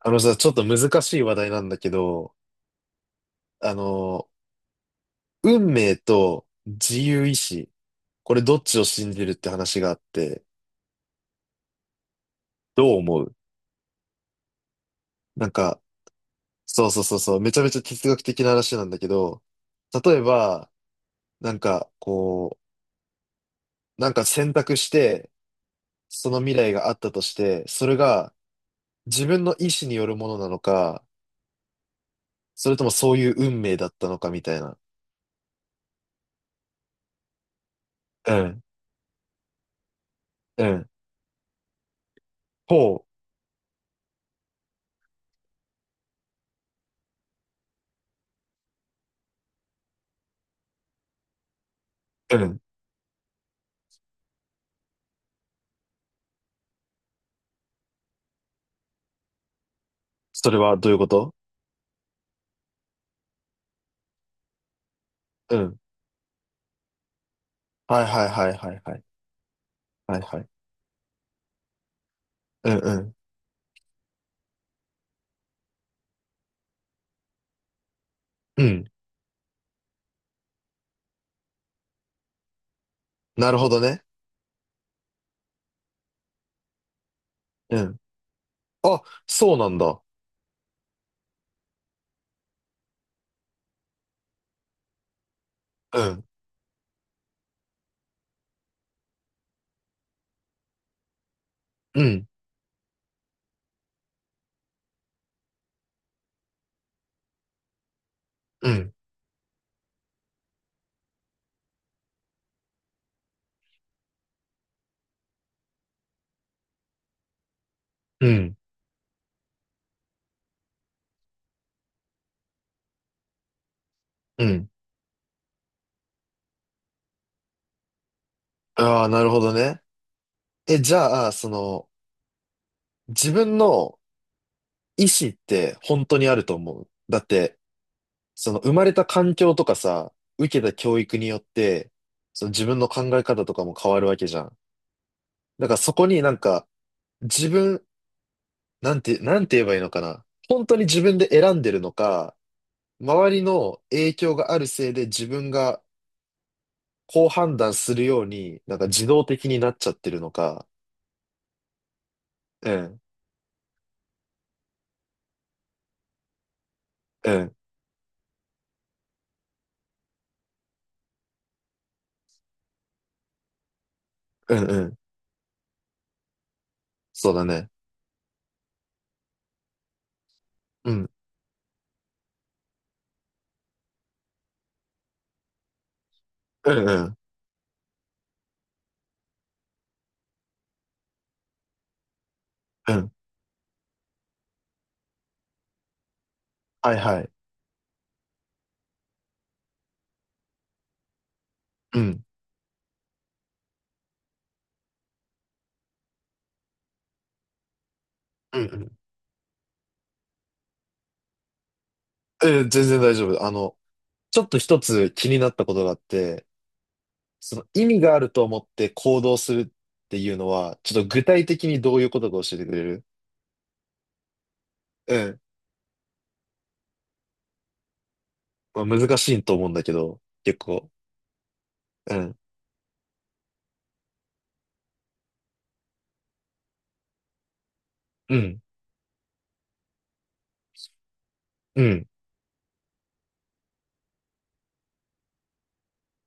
あのさ、ちょっと難しい話題なんだけど、あの、運命と自由意志、これどっちを信じるって話があって、どう思う？なんか、そうそうそうそう、めちゃめちゃ哲学的な話なんだけど、例えば、なんかこう、なんか選択して、その未来があったとして、それが自分の意志によるものなのか、それともそういう運命だったのかみたいな。うん。うん。ほう。うん。それはどういうこと？はいはいはいはいはい。はいはい。うんうん。うん。なるほどね。うん。あ、そうなんだ。うん。うん。うん。うん。うん。ああ、なるほどね。え、じゃあ、その、自分の意思って本当にあると思う。だって、その生まれた環境とかさ、受けた教育によって、その自分の考え方とかも変わるわけじゃん。だからそこになんか、自分、なんて言えばいいのかな。本当に自分で選んでるのか、周りの影響があるせいで自分がこう判断するように、なんか自動的になっちゃってるのか。うん。うん。うん。うん。そうだね。うん。うん。うん。うん。はいはい。うん。うん。うん。全然大丈夫。ちょっと一つ気になったことがあって、その意味があると思って行動するっていうのは、ちょっと具体的にどういうことか教えてくれる？うん。まあ、難しいと思うんだけど、結構。うん。うん。うん。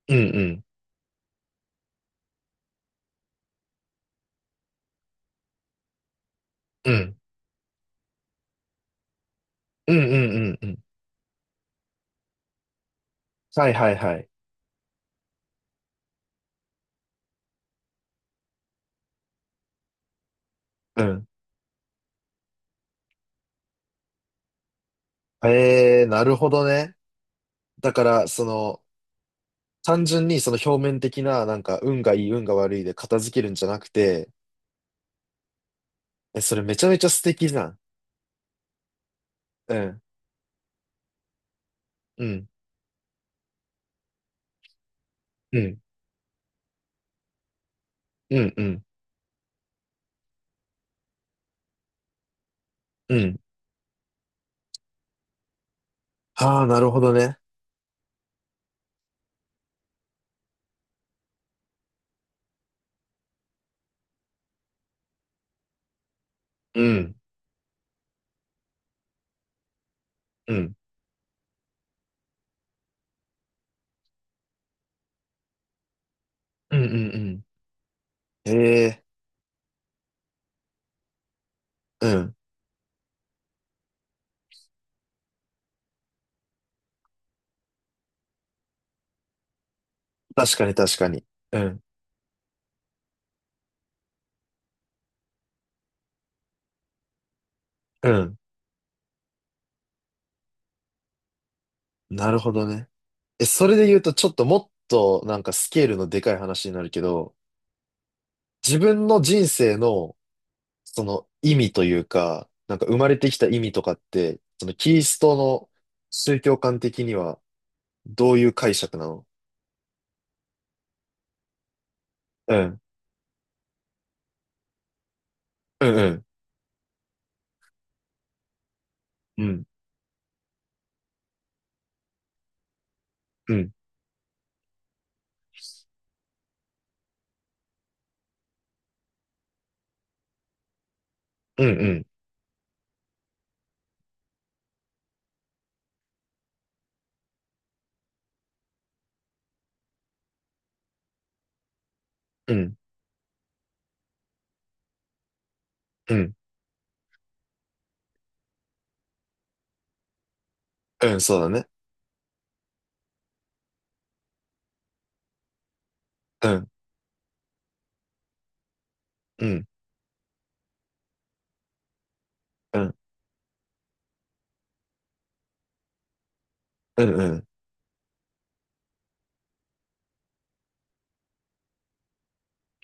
うん。うん。うん。うん。うん。うん。うん。はいはいはい。うん。ええ、なるほどね。だから、その、単純にその表面的な、なんか、運がいい、運が悪いで片付けるんじゃなくて、え、それめちゃめちゃ素敵じゃん。うん。うん。うん。うん。うん。うん。ああ、なるほどね。うん。うん。うん。うん。うん。ええ、うん。確かに確かに。うん。うん。なるほどね。え、それで言うと、ちょっともっと、なんか、スケールのでかい話になるけど、自分の人生の、その意味というか、なんか生まれてきた意味とかって、そのキリストの宗教観的にはどういう解釈なの？うん。うん。うん。うん。うん。うん。うん。うん。うん。そうだね。うん。うん。うん。うん。うん。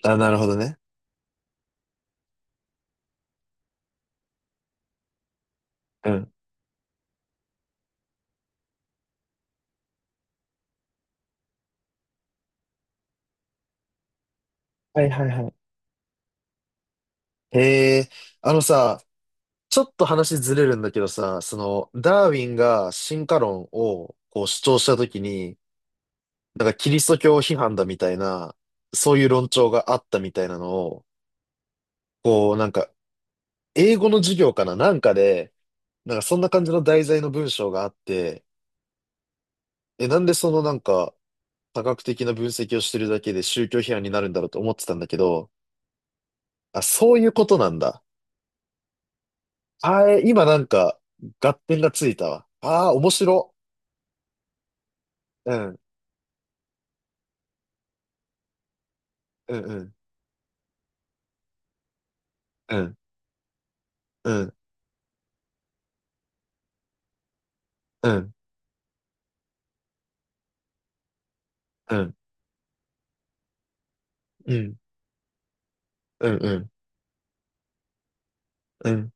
あ、なるほどね。うん。はいはいはい。へえ、あのさ、ちょっと話ずれるんだけどさ、その、ダーウィンが進化論をこう主張したときに、なんかキリスト教批判だみたいな、そういう論調があったみたいなのを、こう、なんか、英語の授業かななんかで、なんかそんな感じの題材の文章があって、え、なんでそのなんか、多角的な分析をしてるだけで宗教批判になるんだろうと思ってたんだけど、あ、そういうことなんだ。あー、え今なんか、合点がついたわ。ああ、面白。うん。うん。うん。うん。うん。うん。うん。うん。うん。うん。うん。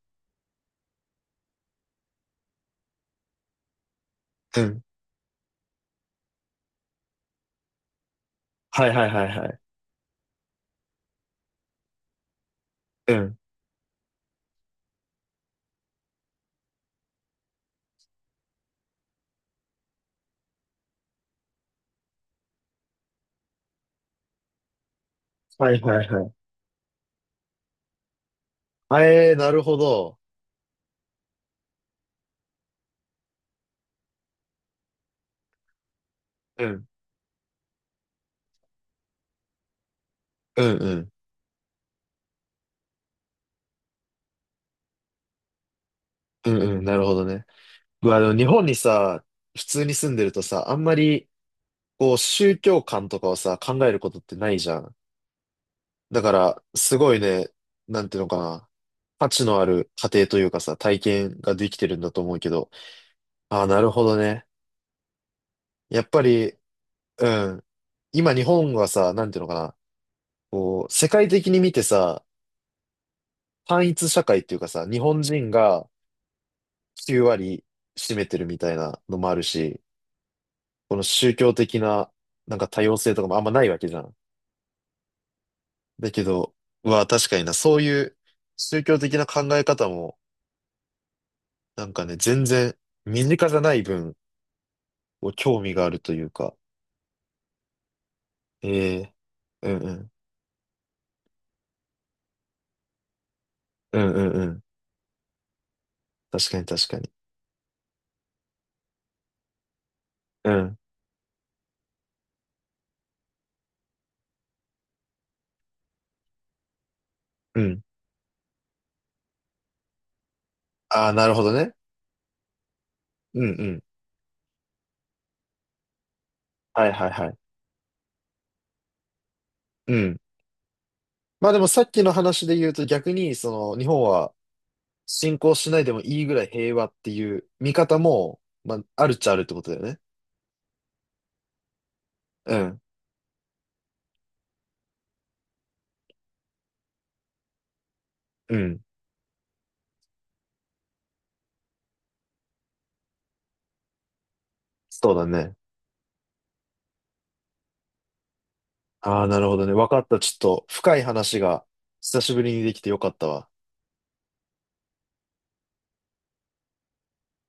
うん。はいはいはいはい。うん。はいはいはい。あえー、なるほど。うん。うん。うん。うん。うん。なるほどね。まあ、でも日本にさ、普通に住んでるとさ、あんまり、こう、宗教観とかをさ、考えることってないじゃん。だから、すごいね、なんていうのかな。価値のある過程というかさ、体験ができてるんだと思うけど。ああ、なるほどね。やっぱり、うん。今日本はさ、なんていうのかな。こう、世界的に見てさ、単一社会っていうかさ、日本人が9割占めてるみたいなのもあるし、この宗教的な、なんか多様性とかもあんまないわけじゃん。だけど、は確かにな、そういう宗教的な考え方も、なんかね、全然身近じゃない分、こう興味があるというか、ええうんうん、うんうんうん、確かに確かに。うん。うん。ああ、なるほどね。うんうん。はいはいはい。うん。まあでもさっきの話で言うと逆に、その、日本は侵攻しないでもいいぐらい平和っていう見方も、まあ、あるっちゃあるってことだよね。うん。うん。そうだね。ああ、なるほどね。わかった。ちょっと深い話が久しぶりにできてよかったわ。